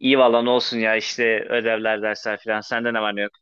İyi valla ne olsun ya işte ödevler dersler filan. Sende ne var ne yok?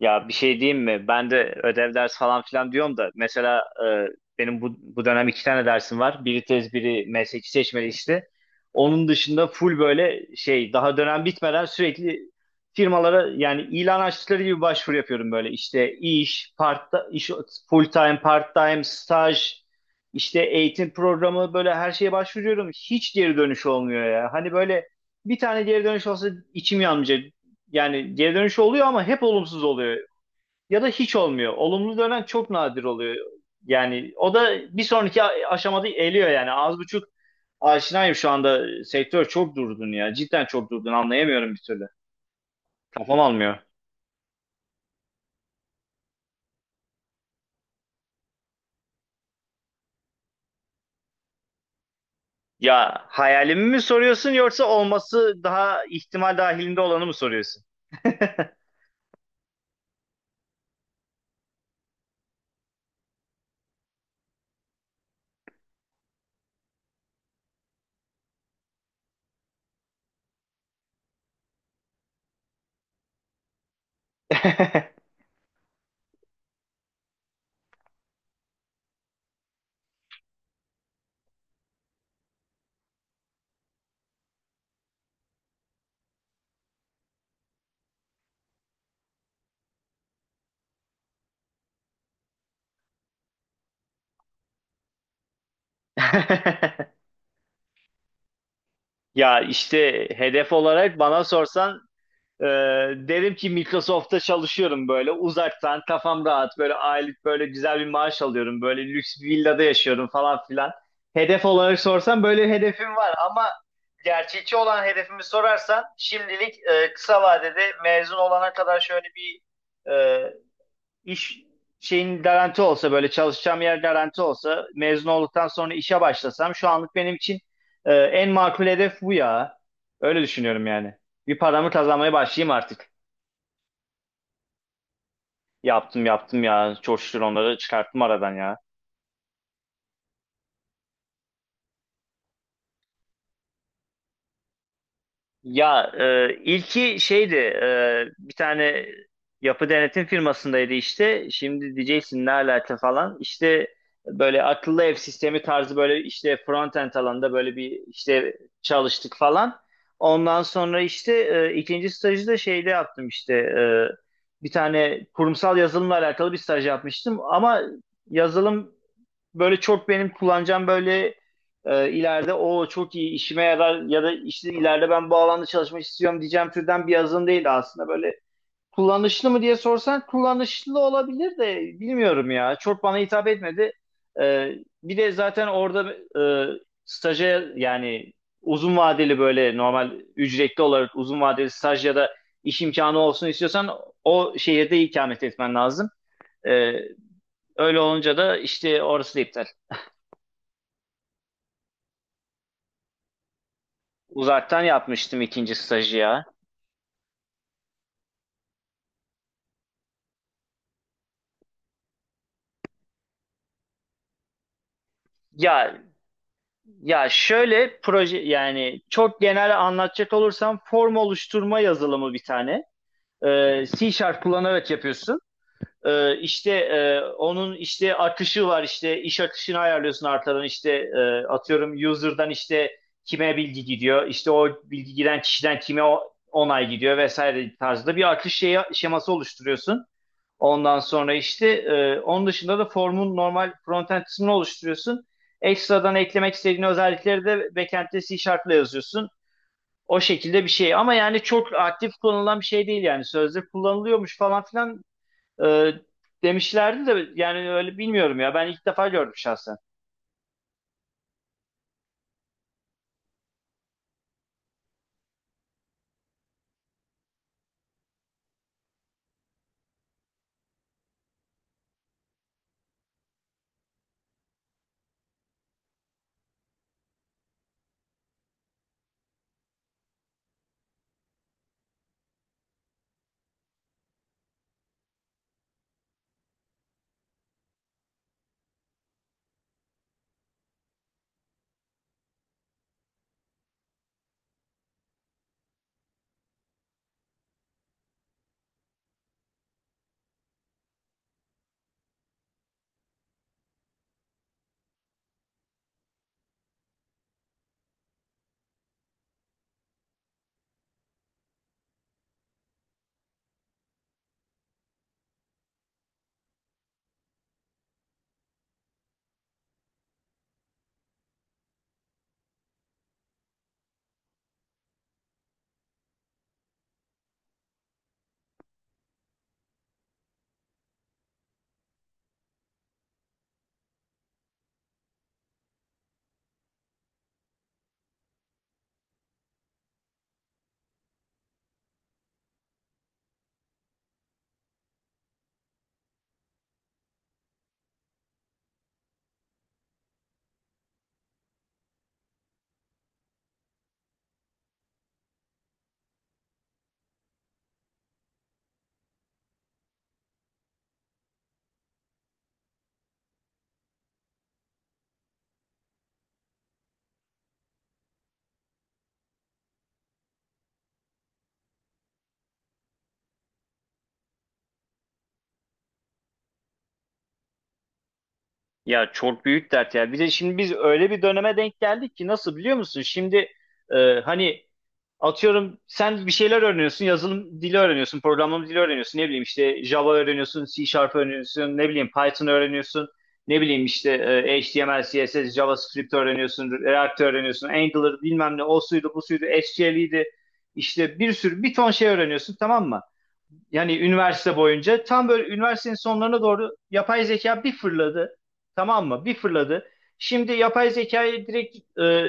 Ya bir şey diyeyim mi? Ben de ödev ders falan filan diyorum da mesela benim bu dönem iki tane dersim var. Biri tez biri mesleki seçmeli işte. Onun dışında full böyle şey daha dönem bitmeden sürekli firmalara yani ilan açtıkları gibi başvuru yapıyorum böyle. İşte full time, part time, staj, işte eğitim programı böyle her şeye başvuruyorum. Hiç geri dönüş olmuyor ya. Hani böyle bir tane geri dönüş olsa içim yanmayacak. Yani geri dönüş oluyor ama hep olumsuz oluyor ya da hiç olmuyor. Olumlu dönen çok nadir oluyor. Yani o da bir sonraki aşamada eliyor yani. Az buçuk aşinayım şu anda. Sektör çok durdun ya. Cidden çok durdun. Anlayamıyorum bir türlü. Kafam almıyor. Ya hayalimi mi soruyorsun yoksa olması daha ihtimal dahilinde olanı mı soruyorsun? Ya işte hedef olarak bana sorsan Ee, derim ki Microsoft'ta çalışıyorum böyle uzaktan kafam rahat böyle aylık böyle güzel bir maaş alıyorum böyle lüks bir villada yaşıyorum falan filan. Hedef olarak sorsan böyle hedefim var ama gerçekçi olan hedefimi sorarsan şimdilik kısa vadede mezun olana kadar şöyle bir e, İş şeyin garanti olsa böyle çalışacağım yer garanti olsa mezun olduktan sonra işe başlasam şu anlık benim için en makul hedef bu ya. Öyle düşünüyorum yani. Bir paramı kazanmaya başlayayım artık. Yaptım yaptım ya. Çok şükür onları çıkarttım aradan ya. Ya ilki şeydi bir tane yapı denetim firmasındaydı işte. Şimdi diyeceksin ne alaka falan. İşte böyle akıllı ev sistemi tarzı böyle işte front-end alanında böyle bir işte çalıştık falan. Ondan sonra işte ikinci stajı da şeyde yaptım işte. Bir tane kurumsal yazılımla alakalı bir staj yapmıştım. Ama yazılım böyle çok benim kullanacağım böyle ileride o çok iyi işime yarar ya da işte ileride ben bu alanda çalışmak istiyorum diyeceğim türden bir yazılım değildi aslında böyle kullanışlı mı diye sorsan kullanışlı olabilir de bilmiyorum ya çok bana hitap etmedi. E, Bir de zaten orada e, staja yani uzun vadeli böyle normal ücretli olarak uzun vadeli staj ya da iş imkanı olsun istiyorsan o şehirde ikamet etmen lazım. E, Öyle olunca da işte orası da iptal. Uzaktan yapmıştım ikinci stajı ya. Ya ya şöyle proje yani çok genel anlatacak olursam form oluşturma yazılımı bir tane. C Sharp kullanarak yapıyorsun. İşte onun işte akışı var işte iş akışını ayarlıyorsun arkadan işte atıyorum user'dan işte kime bilgi gidiyor işte o bilgi giden kişiden kime onay gidiyor vesaire tarzda bir akış şeyi, şeması oluşturuyorsun. Ondan sonra işte onun dışında da formun normal frontend kısmını oluşturuyorsun. Ekstradan eklemek istediğin özellikleri de backend'de C Sharp'la yazıyorsun. O şekilde bir şey. Ama yani çok aktif kullanılan bir şey değil yani. Sözde kullanılıyormuş falan filan e, demişlerdi de yani öyle bilmiyorum ya. Ben ilk defa gördüm şahsen. Ya çok büyük dert ya. Bir de şimdi biz öyle bir döneme denk geldik ki nasıl biliyor musun? Şimdi hani atıyorum sen bir şeyler öğreniyorsun, yazılım dili öğreniyorsun, programlama dili öğreniyorsun, ne bileyim işte Java öğreniyorsun, C Sharp öğreniyorsun, ne bileyim Python öğreniyorsun, ne bileyim işte HTML, CSS, JavaScript öğreniyorsun, React öğreniyorsun, Angular bilmem ne, o suydu, bu suydu, SQL'iydi, işte bir sürü, bir ton şey öğreniyorsun tamam mı? Yani üniversite boyunca tam böyle üniversitenin sonlarına doğru yapay zeka bir fırladı. Tamam mı? Bir fırladı. Şimdi yapay zekayı direkt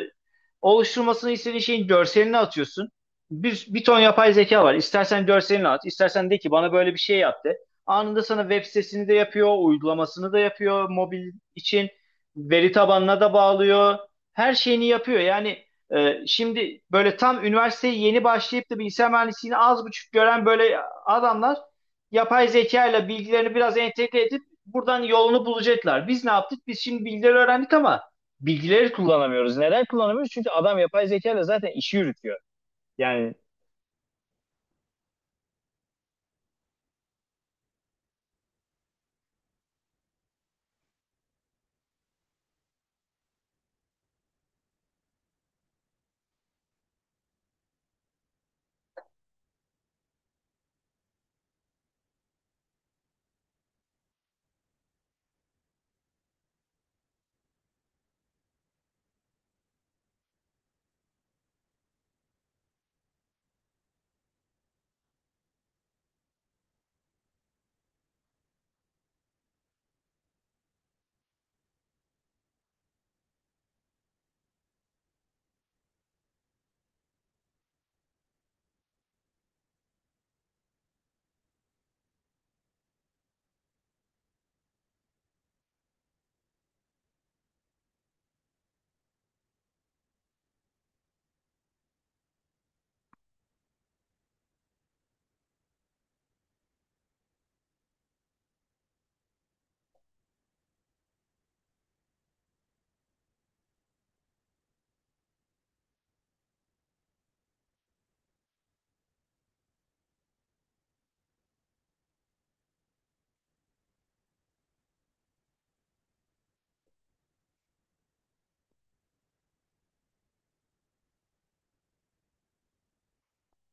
oluşturmasını istediğin şeyin görselini atıyorsun. Bir ton yapay zeka var. İstersen görselini at, istersen de ki bana böyle bir şey yaptı. Anında sana web sitesini de yapıyor, uygulamasını da yapıyor mobil için. Veri tabanına da bağlıyor. Her şeyini yapıyor. Yani şimdi böyle tam üniversiteye yeni başlayıp da bilgisayar mühendisliğini az buçuk gören böyle adamlar yapay zeka ile bilgilerini biraz entegre edip buradan yolunu bulacaklar. Biz ne yaptık? Biz şimdi bilgileri öğrendik ama bilgileri kullanamıyoruz. Neden kullanamıyoruz? Çünkü adam yapay zeka ile zaten işi yürütüyor. Yani.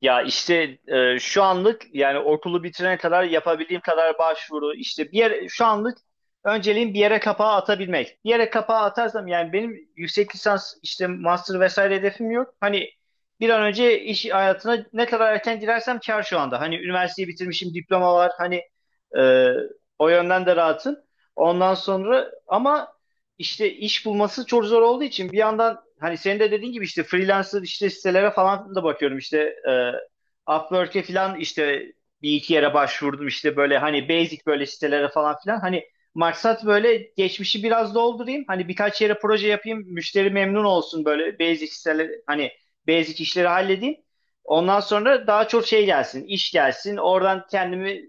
Ya işte şu anlık yani okulu bitirene kadar yapabildiğim kadar başvuru işte bir yere, şu anlık önceliğim bir yere kapağı atabilmek. Bir yere kapağı atarsam yani benim yüksek lisans işte master vesaire hedefim yok. Hani bir an önce iş hayatına ne kadar erken girersem kar şu anda. Hani üniversiteyi bitirmişim diploma var hani e, o yönden de rahatım. Ondan sonra ama işte iş bulması çok zor olduğu için bir yandan hani senin de dediğin gibi işte freelancer işte sitelere falan da bakıyorum işte e, Upwork'e falan işte bir iki yere başvurdum işte böyle hani basic böyle sitelere falan filan hani maksat böyle geçmişi biraz doldurayım hani birkaç yere proje yapayım müşteri memnun olsun böyle basic siteler hani basic işleri halledeyim ondan sonra daha çok şey gelsin iş gelsin oradan kendimi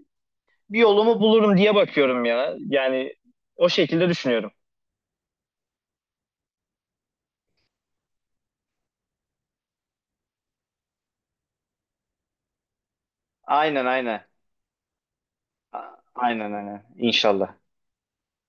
bir yolumu bulurum diye bakıyorum ya yani. O şekilde düşünüyorum. Aynen aynen. Aynen aynen inşallah.